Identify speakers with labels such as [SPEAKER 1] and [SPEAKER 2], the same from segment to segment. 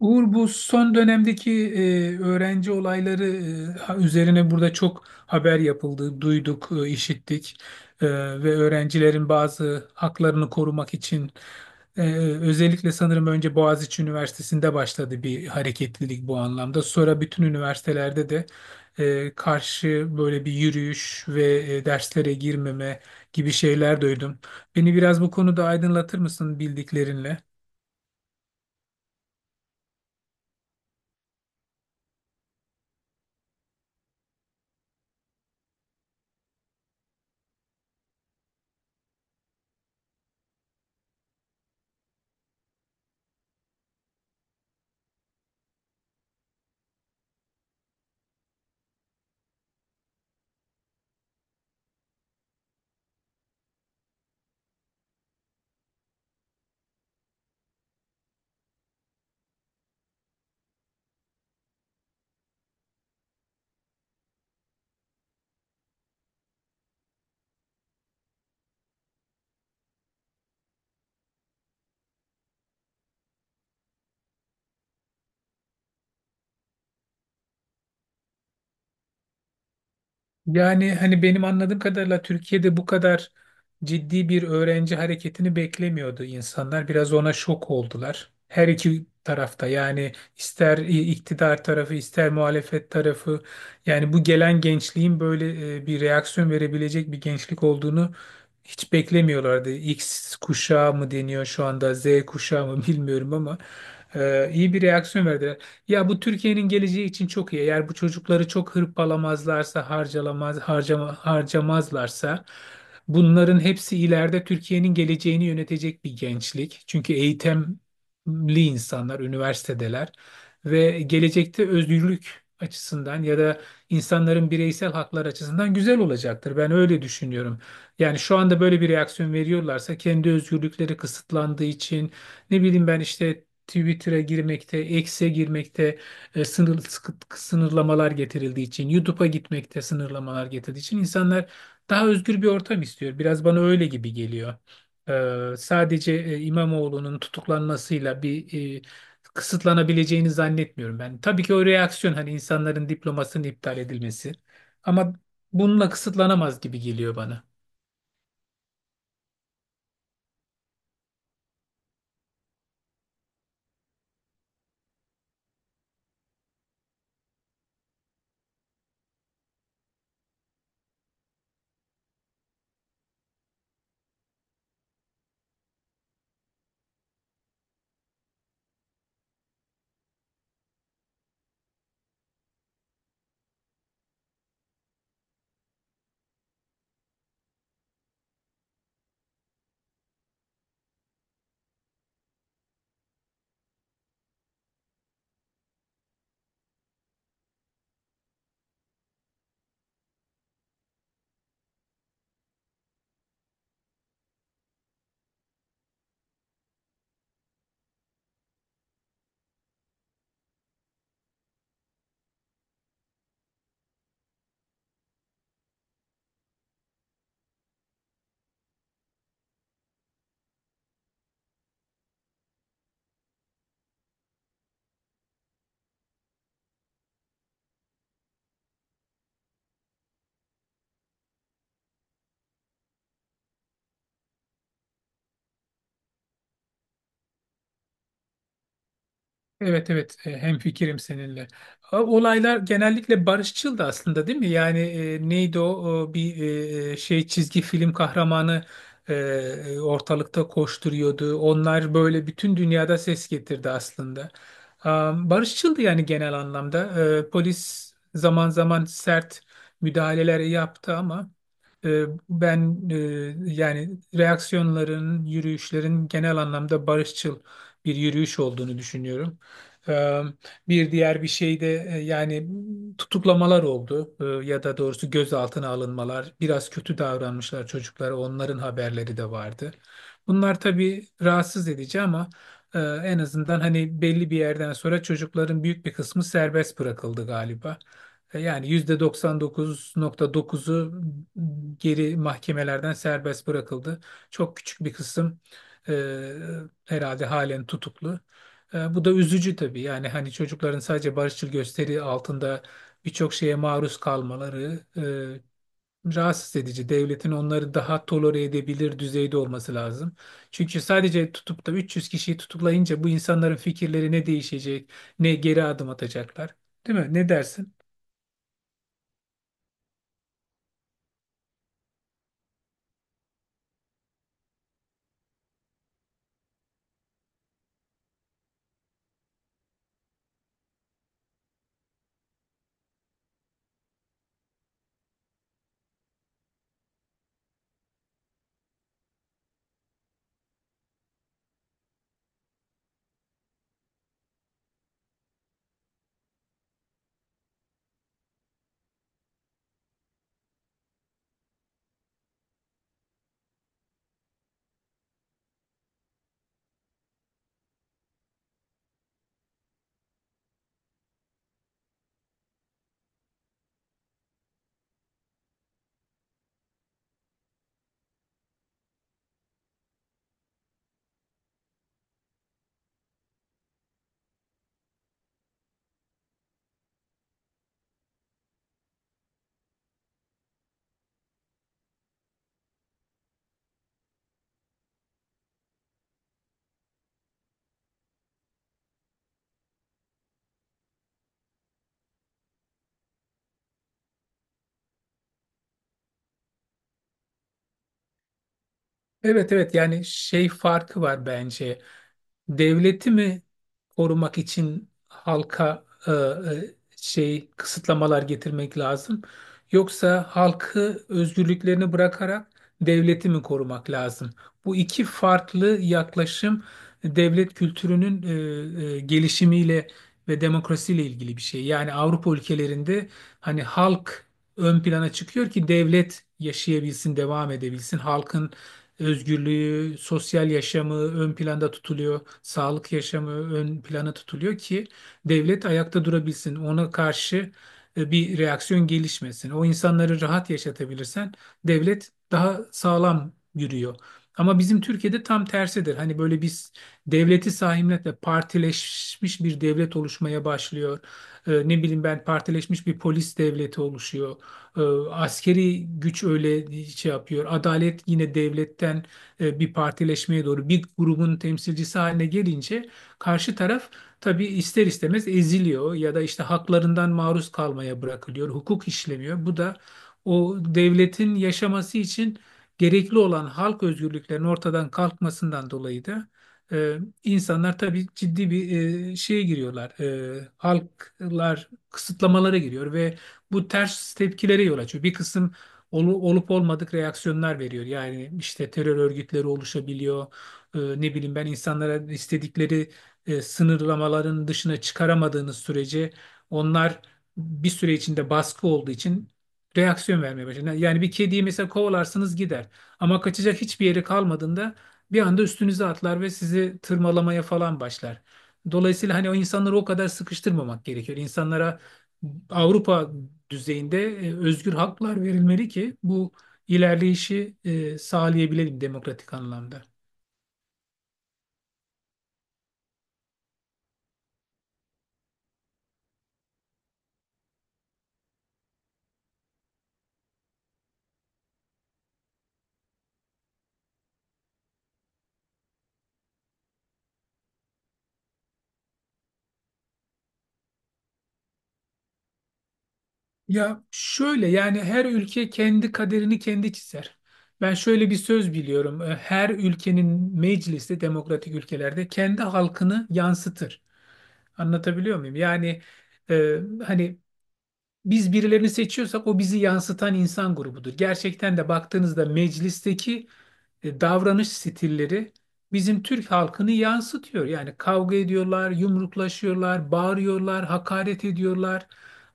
[SPEAKER 1] Uğur bu son dönemdeki öğrenci olayları üzerine burada çok haber yapıldı, duyduk, işittik. E, Ve öğrencilerin bazı haklarını korumak için e, özellikle sanırım önce Boğaziçi Üniversitesi'nde başladı bir hareketlilik bu anlamda. Sonra bütün üniversitelerde de karşı böyle bir yürüyüş ve derslere girmeme gibi şeyler duydum. Beni biraz bu konuda aydınlatır mısın bildiklerinle? Yani hani benim anladığım kadarıyla Türkiye'de bu kadar ciddi bir öğrenci hareketini beklemiyordu insanlar. Biraz ona şok oldular. Her iki tarafta yani ister iktidar tarafı ister muhalefet tarafı, yani bu gelen gençliğin böyle bir reaksiyon verebilecek bir gençlik olduğunu hiç beklemiyorlardı. X kuşağı mı deniyor şu anda, Z kuşağı mı, bilmiyorum ama iyi bir reaksiyon verdiler. Ya bu Türkiye'nin geleceği için çok iyi. Eğer bu çocukları çok hırpalamazlarsa, harcamazlarsa bunların hepsi ileride Türkiye'nin geleceğini yönetecek bir gençlik. Çünkü eğitimli insanlar, üniversitedeler ve gelecekte özgürlük açısından ya da insanların bireysel haklar açısından güzel olacaktır. Ben öyle düşünüyorum. Yani şu anda böyle bir reaksiyon veriyorlarsa kendi özgürlükleri kısıtlandığı için, ne bileyim ben işte Twitter'a girmekte, X'e girmekte sınırlamalar getirildiği için, YouTube'a gitmekte sınırlamalar getirdiği için insanlar daha özgür bir ortam istiyor. Biraz bana öyle gibi geliyor. Sadece İmamoğlu'nun tutuklanmasıyla bir kısıtlanabileceğini zannetmiyorum ben. Tabii ki o reaksiyon hani insanların diplomasının iptal edilmesi, ama bununla kısıtlanamaz gibi geliyor bana. Evet, evet, hemfikirim seninle. Olaylar genellikle barışçıl da aslında, değil mi? Yani neydi o? O bir şey çizgi film kahramanı ortalıkta koşturuyordu. Onlar böyle bütün dünyada ses getirdi aslında. Barışçıldı yani genel anlamda. Polis zaman zaman sert müdahaleler yaptı ama e, ben yani reaksiyonların, yürüyüşlerin genel anlamda barışçıl bir yürüyüş olduğunu düşünüyorum. Ee, Bir diğer bir şey de yani tutuklamalar oldu. Ya da doğrusu gözaltına alınmalar. Biraz kötü davranmışlar çocuklara. Onların haberleri de vardı. Bunlar tabii rahatsız edici ama en azından hani belli bir yerden sonra çocukların büyük bir kısmı serbest bırakıldı galiba. Yani %99,9'u geri mahkemelerden serbest bırakıldı. Çok küçük bir kısım e, herhalde halen tutuklu. Bu da üzücü tabii. Yani hani çocukların sadece barışçıl gösteri altında birçok şeye maruz kalmaları rahatsız edici. Devletin onları daha tolere edebilir düzeyde olması lazım. Çünkü sadece tutup da 300 kişiyi tutuklayınca bu insanların fikirleri ne değişecek, ne geri adım atacaklar. Değil mi? Ne dersin? Evet, evet, yani şey farkı var bence. Devleti mi korumak için halka şey kısıtlamalar getirmek lazım? Yoksa halkı özgürlüklerini bırakarak devleti mi korumak lazım? Bu iki farklı yaklaşım devlet kültürünün gelişimiyle ve demokrasiyle ilgili bir şey. Yani Avrupa ülkelerinde hani halk ön plana çıkıyor ki devlet yaşayabilsin, devam edebilsin. Halkın özgürlüğü, sosyal yaşamı ön planda tutuluyor, sağlık yaşamı ön plana tutuluyor ki devlet ayakta durabilsin. Ona karşı bir reaksiyon gelişmesin. O insanları rahat yaşatabilirsen devlet daha sağlam yürüyor. Ama bizim Türkiye'de tam tersidir. Hani böyle biz devleti sahiplenip partileşmiş bir devlet oluşmaya başlıyor. Ne bileyim ben, partileşmiş bir polis devleti oluşuyor. E, Askeri güç öyle şey yapıyor. Adalet yine devletten bir partileşmeye doğru bir grubun temsilcisi haline gelince karşı taraf tabii ister istemez eziliyor ya da işte haklarından maruz kalmaya bırakılıyor. Hukuk işlemiyor. Bu da o devletin yaşaması için gerekli olan halk özgürlüklerinin ortadan kalkmasından dolayı da e, insanlar tabii ciddi bir şeye giriyorlar. Halklar kısıtlamalara giriyor ve bu ters tepkilere yol açıyor. Bir kısım olup olmadık reaksiyonlar veriyor. Yani işte terör örgütleri oluşabiliyor. Ne bileyim ben, insanlara istedikleri sınırlamaların dışına çıkaramadığınız sürece onlar bir süre içinde baskı olduğu için reaksiyon vermeye başlar. Yani bir kediyi mesela kovalarsınız, gider. Ama kaçacak hiçbir yeri kalmadığında bir anda üstünüze atlar ve sizi tırmalamaya falan başlar. Dolayısıyla hani o insanları o kadar sıkıştırmamak gerekiyor. İnsanlara Avrupa düzeyinde özgür haklar verilmeli ki bu ilerleyişi sağlayabilelim demokratik anlamda. Ya şöyle, yani her ülke kendi kaderini kendi çizer. Ben şöyle bir söz biliyorum. Her ülkenin meclisi demokratik ülkelerde kendi halkını yansıtır. Anlatabiliyor muyum? Yani e, hani biz birilerini seçiyorsak o bizi yansıtan insan grubudur. Gerçekten de baktığınızda meclisteki davranış stilleri bizim Türk halkını yansıtıyor. Yani kavga ediyorlar, yumruklaşıyorlar, bağırıyorlar, hakaret ediyorlar.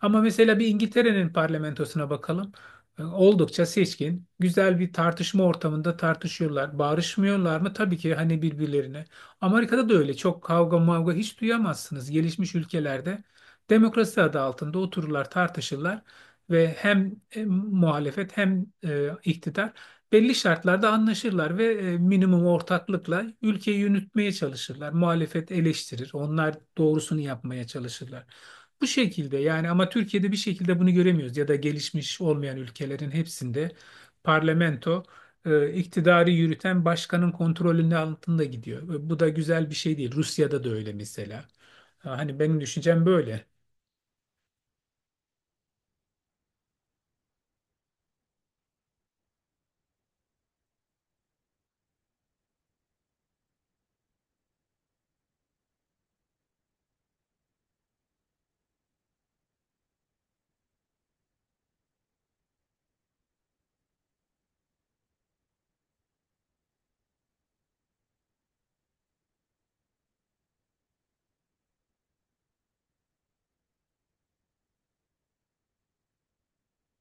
[SPEAKER 1] Ama mesela bir İngiltere'nin parlamentosuna bakalım. Oldukça seçkin, güzel bir tartışma ortamında tartışıyorlar. Bağırışmıyorlar mı? Tabii ki, hani, birbirlerine. Amerika'da da öyle. Çok kavga mavga hiç duyamazsınız. Gelişmiş ülkelerde demokrasi adı altında otururlar, tartışırlar ve hem muhalefet hem iktidar belli şartlarda anlaşırlar ve minimum ortaklıkla ülkeyi yürütmeye çalışırlar. Muhalefet eleştirir, onlar doğrusunu yapmaya çalışırlar. Bu şekilde yani. Ama Türkiye'de bir şekilde bunu göremiyoruz, ya da gelişmiş olmayan ülkelerin hepsinde parlamento iktidarı yürüten başkanın kontrolünün altında gidiyor. Ve bu da güzel bir şey değil. Rusya'da da öyle mesela. Ha, hani benim düşüncem böyle.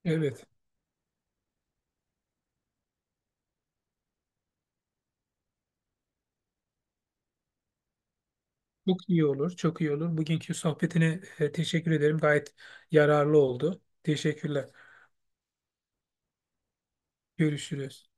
[SPEAKER 1] Evet. Çok iyi olur, çok iyi olur. Bugünkü sohbetine teşekkür ederim. Gayet yararlı oldu. Teşekkürler. Görüşürüz.